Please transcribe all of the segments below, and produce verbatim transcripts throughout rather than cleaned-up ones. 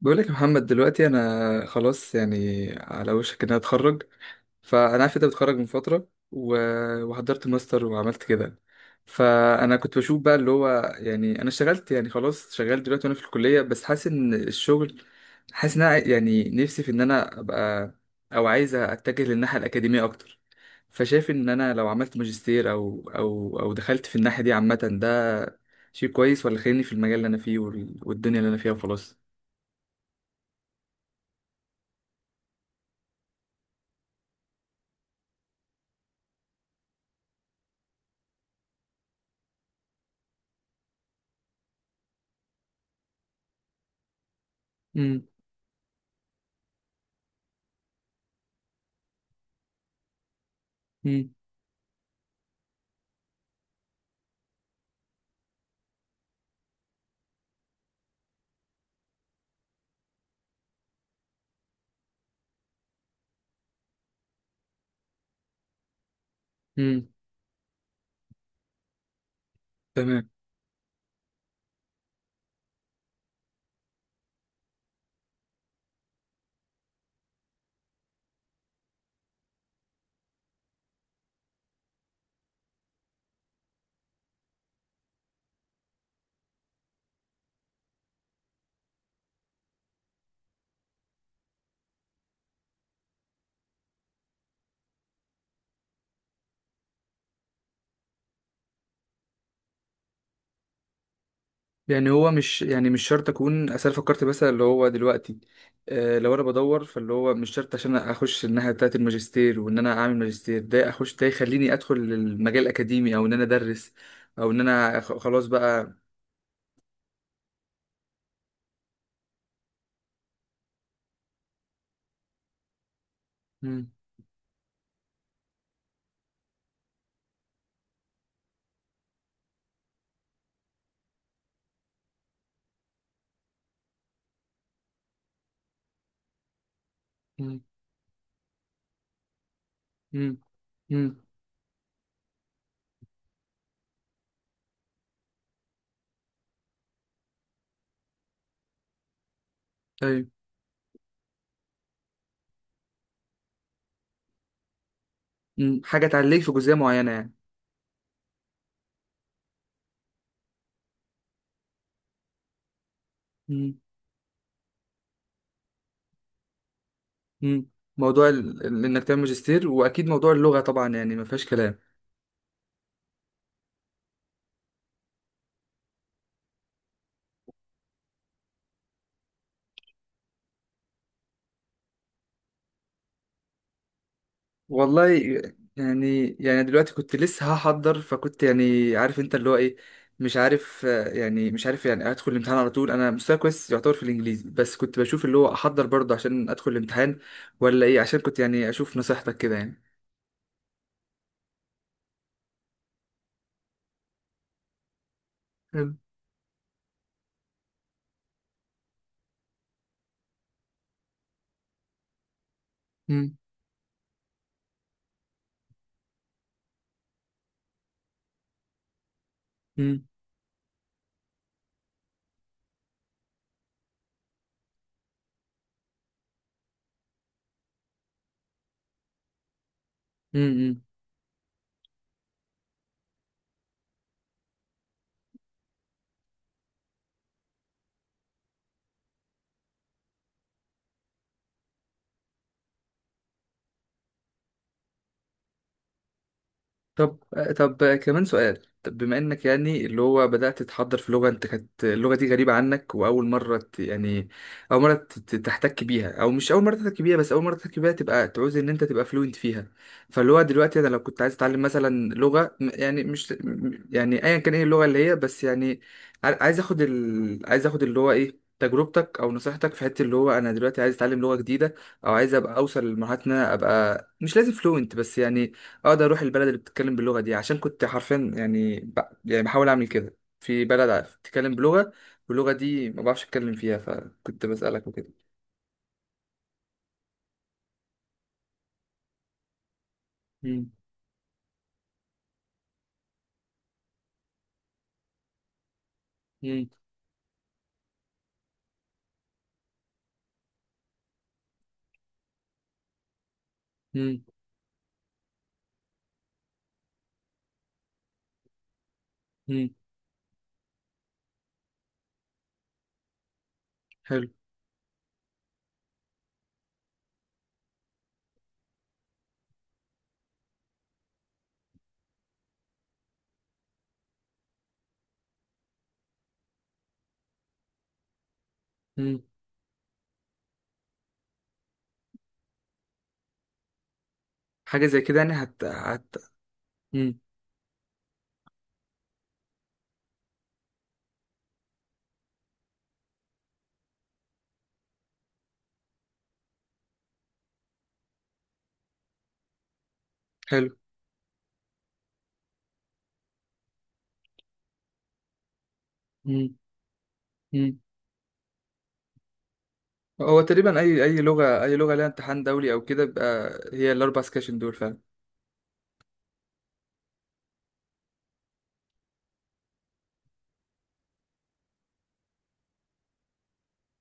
بقولك يا محمد، دلوقتي انا خلاص يعني على وشك ان انا اتخرج. فانا عارف انت بتخرج من فتره و... وحضرت ماستر وعملت كده. فانا كنت بشوف بقى اللي هو، يعني انا اشتغلت يعني خلاص، شغال دلوقتي وانا في الكليه، بس حاسس ان الشغل حاسس ان أنا عاي- يعني نفسي في ان انا ابقى، او عايز اتجه للناحيه الاكاديميه اكتر. فشايف ان انا لو عملت ماجستير، او او او دخلت في الناحيه دي عامه، ده شيء كويس ولا خليني في المجال اللي انا فيه وال... والدنيا اللي انا فيها وخلاص. مم. مم. تمام. يعني هو مش يعني مش شرط اكون، اصل أنا فكرت مثلا اللي هو دلوقتي، آه لو انا بدور، فاللي هو مش شرط عشان اخش الناحيه بتاعه الماجستير، وان انا اعمل ماجستير ده، اخش ده يخليني ادخل المجال الاكاديمي او ان انا ادرس، او ان انا خ- خلاص بقى. مم. مم. مم. مم. ايوه. مم. حاجه تعليك في جزئيه معينه يعني. مم. مم. موضوع ال... ال- انك تعمل ماجستير، واكيد موضوع اللغه طبعا، يعني ما فيهاش كلام. والله. يعني يعني دلوقتي كنت لسه هحضر، فكنت يعني عارف انت اللي هو ايه، مش عارف، آه، يعني مش عارف يعني ادخل الامتحان على طول. انا مستواي كويس يعتبر في الانجليزي، بس كنت بشوف اللي هو احضر برضه عشان ادخل الامتحان، ولا ايه، عشان كنت يعني اشوف نصيحتك كده يعني. حلو. مم. مم. مم. طب طب كمان سؤال. طب بما انك يعني اللي هو بدأت تتحضر في لغة، انت كانت اللغة دي غريبة عنك، واول مرة ت- يعني اول مرة ت- ت- تحتك بيها، او مش اول مرة تحتك بيها، بس اول مرة تحتك بيها تبقى تعوز ان انت تبقى فلوينت فيها. فاللي هو دلوقتي انا لو كنت عايز اتعلم مثلا لغة م- يعني مش م- يعني ايا كان ايه اللغة اللي هي، بس يعني ع- عايز اخد ال... عايز اخد اللي هو ايه تجربتك او نصيحتك في حته اللي هو انا دلوقتي عايز اتعلم لغه جديده، او عايز ابقى اوصل لمرحله ان انا ابقى مش لازم فلوينت، بس يعني اقدر اروح البلد اللي بتتكلم باللغه دي، عشان كنت حرفيا يعني ب... يعني بحاول اعمل كده في بلد بتتكلم بلغه، واللغه دي ما بعرفش اتكلم فيها، فكنت بسالك وكده. مم. مم. مم. مم. حلو. مم. حاجه زي كده يعني هت هت مم. حلو. مم. مم. هو تقريبا اي اي لغه، اي لغه لها امتحان دولي او كده، بيبقى هي الاربع سكاشن دول فعلا.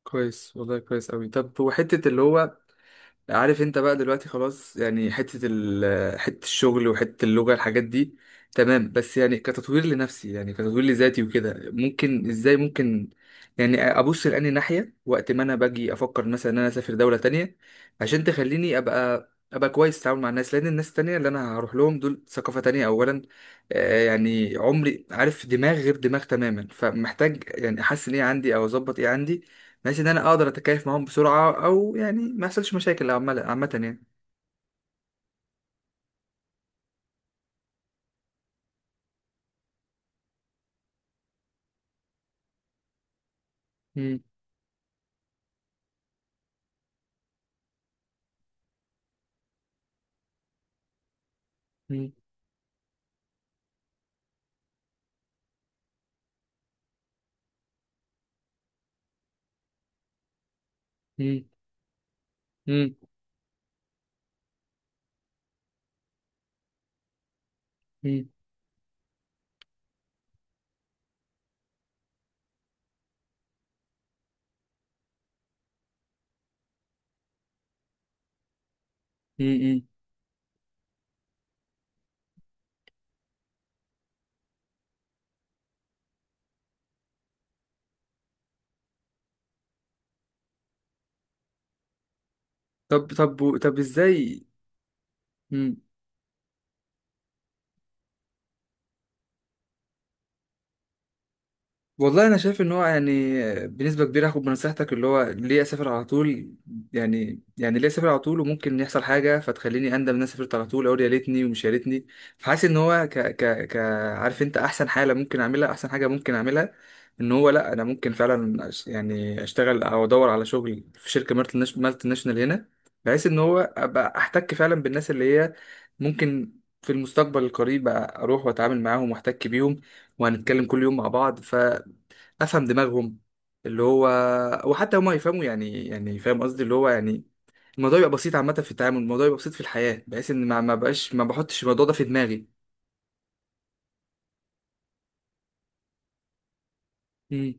كويس والله، كويس قوي. طب وحته اللي هو، عارف انت بقى دلوقتي خلاص يعني، حتة ال حتة الشغل وحتة اللغة، الحاجات دي تمام، بس يعني كتطوير لنفسي، يعني كتطوير لذاتي وكده، ممكن ازاي، ممكن يعني ابص لأني ناحية، وقت ما انا باجي افكر مثلا ان انا اسافر دولة تانية عشان تخليني ابقى ابقى كويس في التعامل مع الناس. لان الناس التانية اللي انا هروح لهم دول ثقافة تانية اولا، آه، يعني عمري عارف دماغ غير دماغ تماما، فمحتاج يعني احسن ايه عندي او اظبط ايه عندي، بحيث ان انا اقدر اتكيف معاهم بسرعه، او يعني ما يحصلش مشاكل، عامه عامه يعني. مم. مم. مم. مم. مم. مم. طب طب طب ازاي؟ والله انا شايف ان هو يعني بنسبه كبيره هاخد بنصيحتك، اللي هو ليه اسافر على طول، يعني يعني ليه اسافر على طول وممكن يحصل حاجه فتخليني اندم ان انا سافرت على طول، اقول يا ليتني ومش يا ليتني. فحاسس ان هو ك ك ك عارف انت احسن حاله ممكن اعملها، احسن حاجه ممكن اعملها، ان هو لا، انا ممكن فعلا أش- يعني اشتغل او ادور على شغل في شركه مالتي ناش- مالتي ناشونال هنا، بحيث ان هو ابقى احتك فعلا بالناس اللي هي ممكن في المستقبل القريب اروح واتعامل معاهم واحتك بيهم، وهنتكلم كل يوم مع بعض، افهم دماغهم اللي هو، وحتى هما يفهموا، يعني يعني فاهم قصدي، اللي هو يعني الموضوع يبقى بسيط عامه في التعامل، الموضوع يبقى بسيط في الحياه، بحيث ان ما ما بقاش ما بحطش الموضوع ده في دماغي. امم.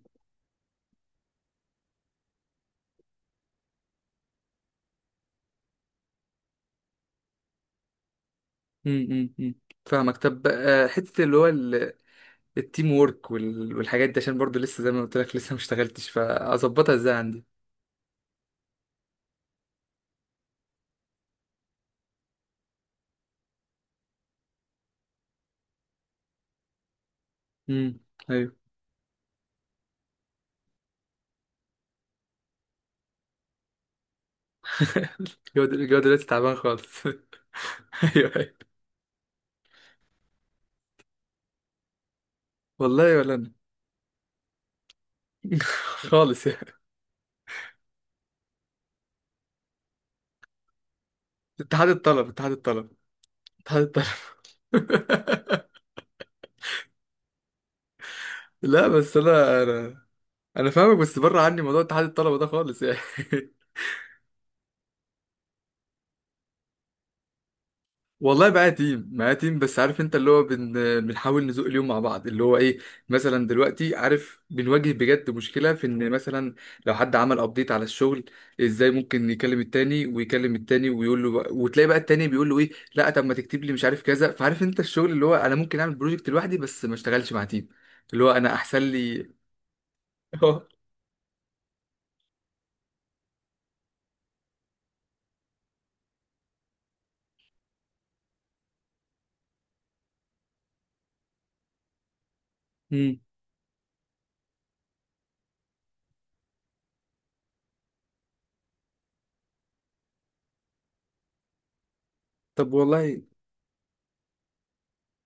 امم. امم. فاهمك. طب، آه، حته اللي هو ال- التيم وورك وال- والحاجات دي، عشان برضو لسه زي ما قلت لك، لسه ما اشتغلتش، فاظبطها ازاي عندي؟ امم. ايوه. الجو الجو دلوقتي تعبان خالص. ايوه، أيوة. والله ولا انا. خالص يعني. اتحاد الطلب، اتحاد الطلب، اتحاد الطلب. لا، بس انا، انا انا فاهمك، بس بره عني موضوع اتحاد الطلبه ده خالص يعني. والله معايا تيم، معايا تيم، بس عارف انت اللي هو بن... بنحاول نزوق اليوم مع بعض، اللي هو ايه، مثلا دلوقتي عارف بنواجه بجد مشكله في ان مثلا لو حد عمل ابديت على الشغل، ازاي ممكن يكلم التاني ويكلم التاني ويقول له بقى، وتلاقي بقى التاني بيقول له ايه، لا طب ما تكتب لي مش عارف كذا. فعارف انت الشغل اللي هو انا ممكن اعمل بروجكت لوحدي، بس ما اشتغلش مع تيم، اللي هو انا احسن لي. اه. مم. طب والله،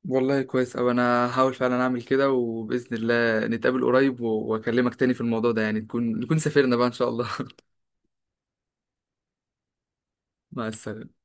والله كويس أوي، أنا هحاول فعلا أعمل كده، وبإذن الله نتقابل قريب و- وأكلمك تاني في الموضوع ده، يعني تكون، نكون سافرنا بقى إن شاء الله. مع السلامة.